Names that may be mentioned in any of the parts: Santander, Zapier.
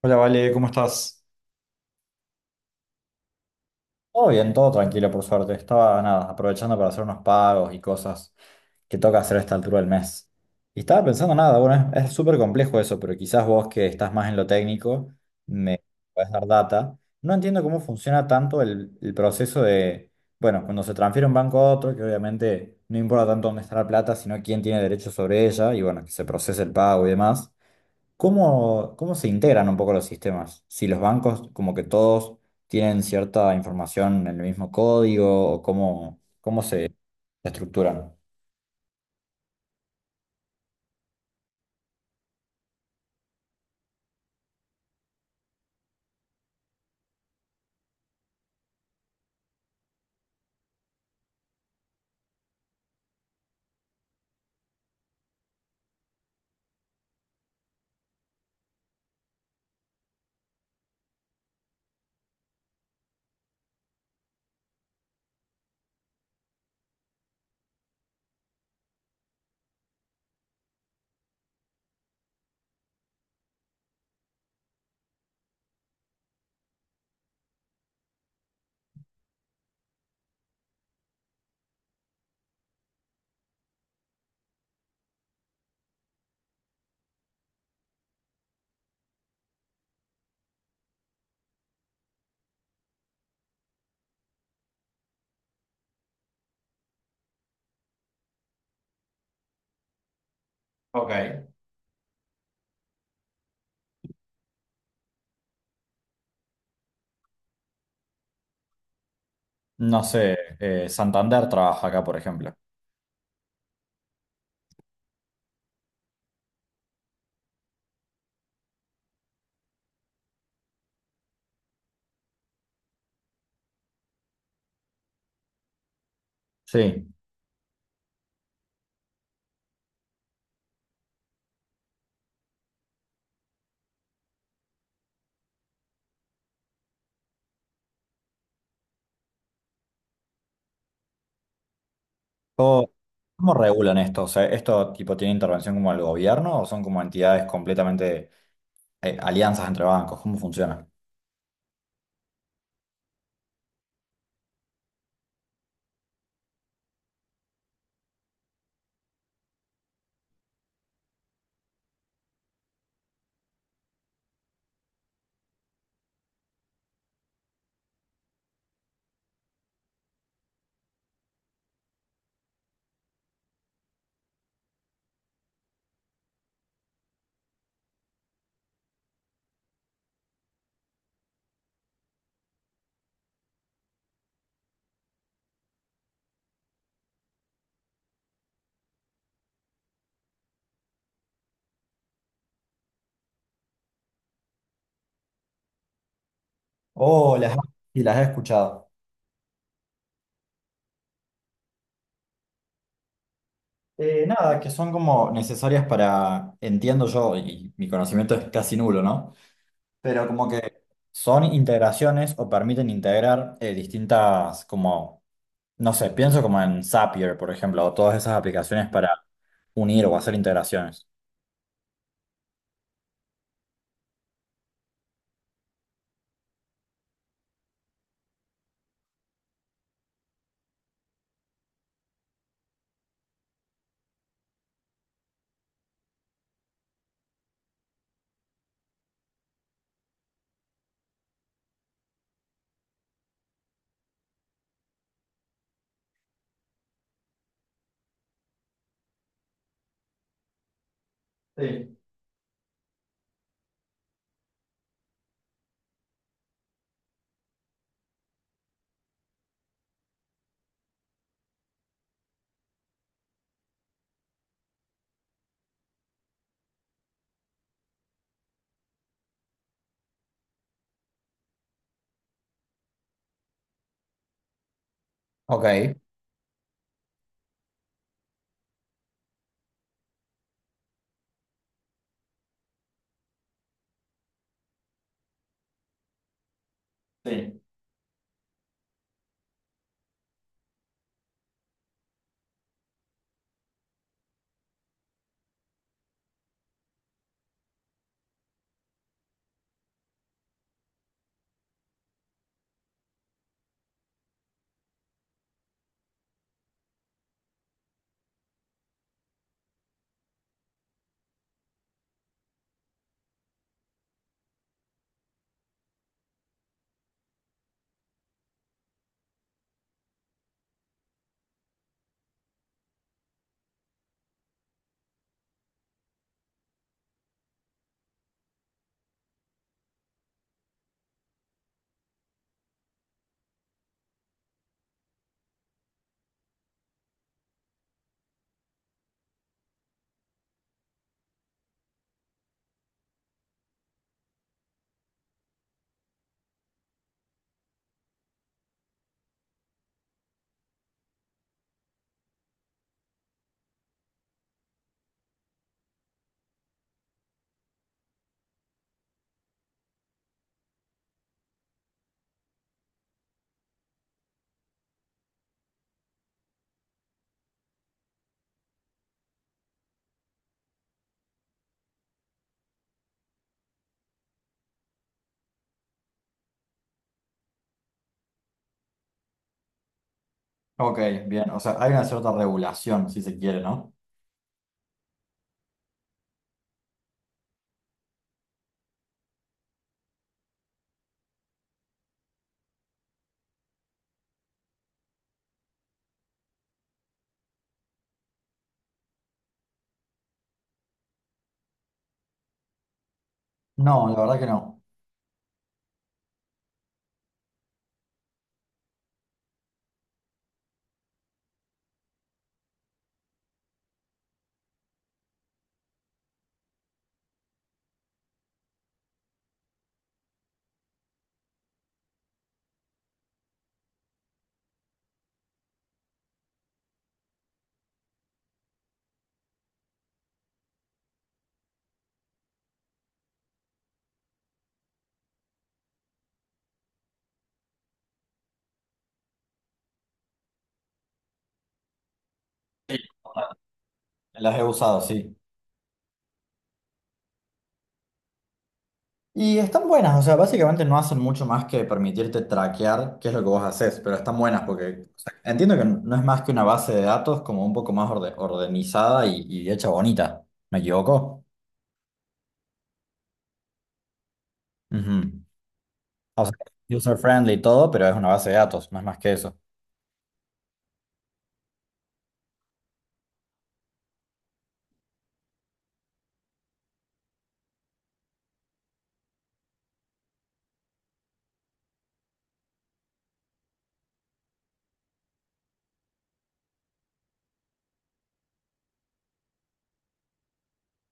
Hola, Vale, ¿cómo estás? Todo bien, todo tranquilo, por suerte. Estaba nada, aprovechando para hacer unos pagos y cosas que toca hacer a esta altura del mes. Y estaba pensando nada, bueno, es súper complejo eso, pero quizás vos que estás más en lo técnico me podés dar data. No entiendo cómo funciona tanto el proceso de, bueno, cuando se transfiere un banco a otro, que obviamente no importa tanto dónde está la plata, sino quién tiene derecho sobre ella y bueno, que se procese el pago y demás. ¿Cómo, cómo se integran un poco los sistemas? Si los bancos, como que todos tienen cierta información en el mismo código, o cómo, cómo se estructuran. Ok. No sé, Santander trabaja acá, por ejemplo. Sí. ¿Cómo, cómo regulan esto? O sea, ¿esto tipo tiene intervención como el gobierno o son como entidades completamente alianzas entre bancos? ¿Cómo funciona? Oh, las, y las he escuchado. Nada, que son como necesarias para, entiendo yo, y mi conocimiento es casi nulo, ¿no? Pero como que son integraciones o permiten integrar distintas, como, no sé, pienso como en Zapier, por ejemplo, o todas esas aplicaciones para unir o hacer integraciones. Sí, ok, sí. Ok, bien, o sea, hay una cierta regulación, si se quiere, ¿no? No, la verdad que no. Las he usado, sí. Y están buenas, o sea, básicamente no hacen mucho más que permitirte traquear qué es lo que vos haces, pero están buenas porque o sea, entiendo que no es más que una base de datos como un poco más ordenizada y hecha bonita, ¿me equivoco? Ujú. O sea, user friendly y todo, pero es una base de datos, no es más que eso.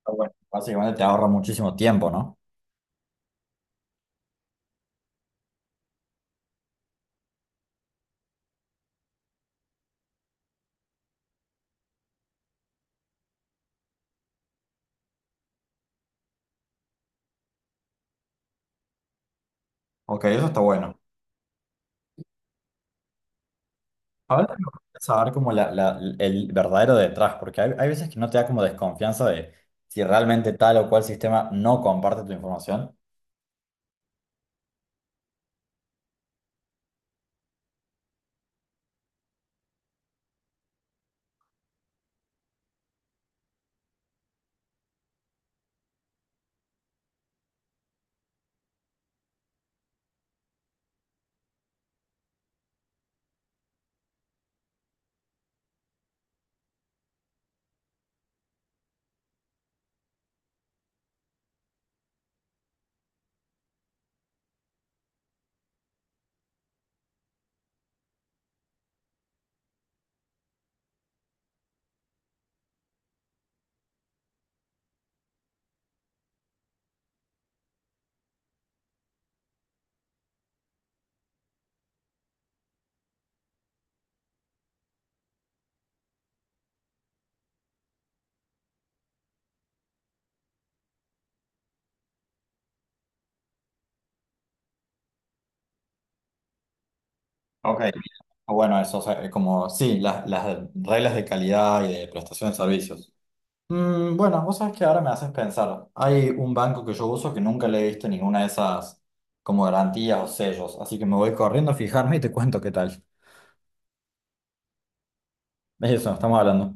Está bueno. Básicamente te ahorra muchísimo tiempo, ¿no? Ok, eso está bueno. Ahora me gustaría saber como el verdadero detrás, porque hay veces que no te da como desconfianza de si realmente tal o cual sistema no comparte tu información. Ok. Bueno, eso, o sea, como, sí, las reglas de calidad y de prestación de servicios. Mm, bueno, vos sabés que ahora me haces pensar. Hay un banco que yo uso que nunca le he visto ninguna de esas como garantías o sellos, así que me voy corriendo a fijarme y te cuento qué tal. De eso estamos hablando.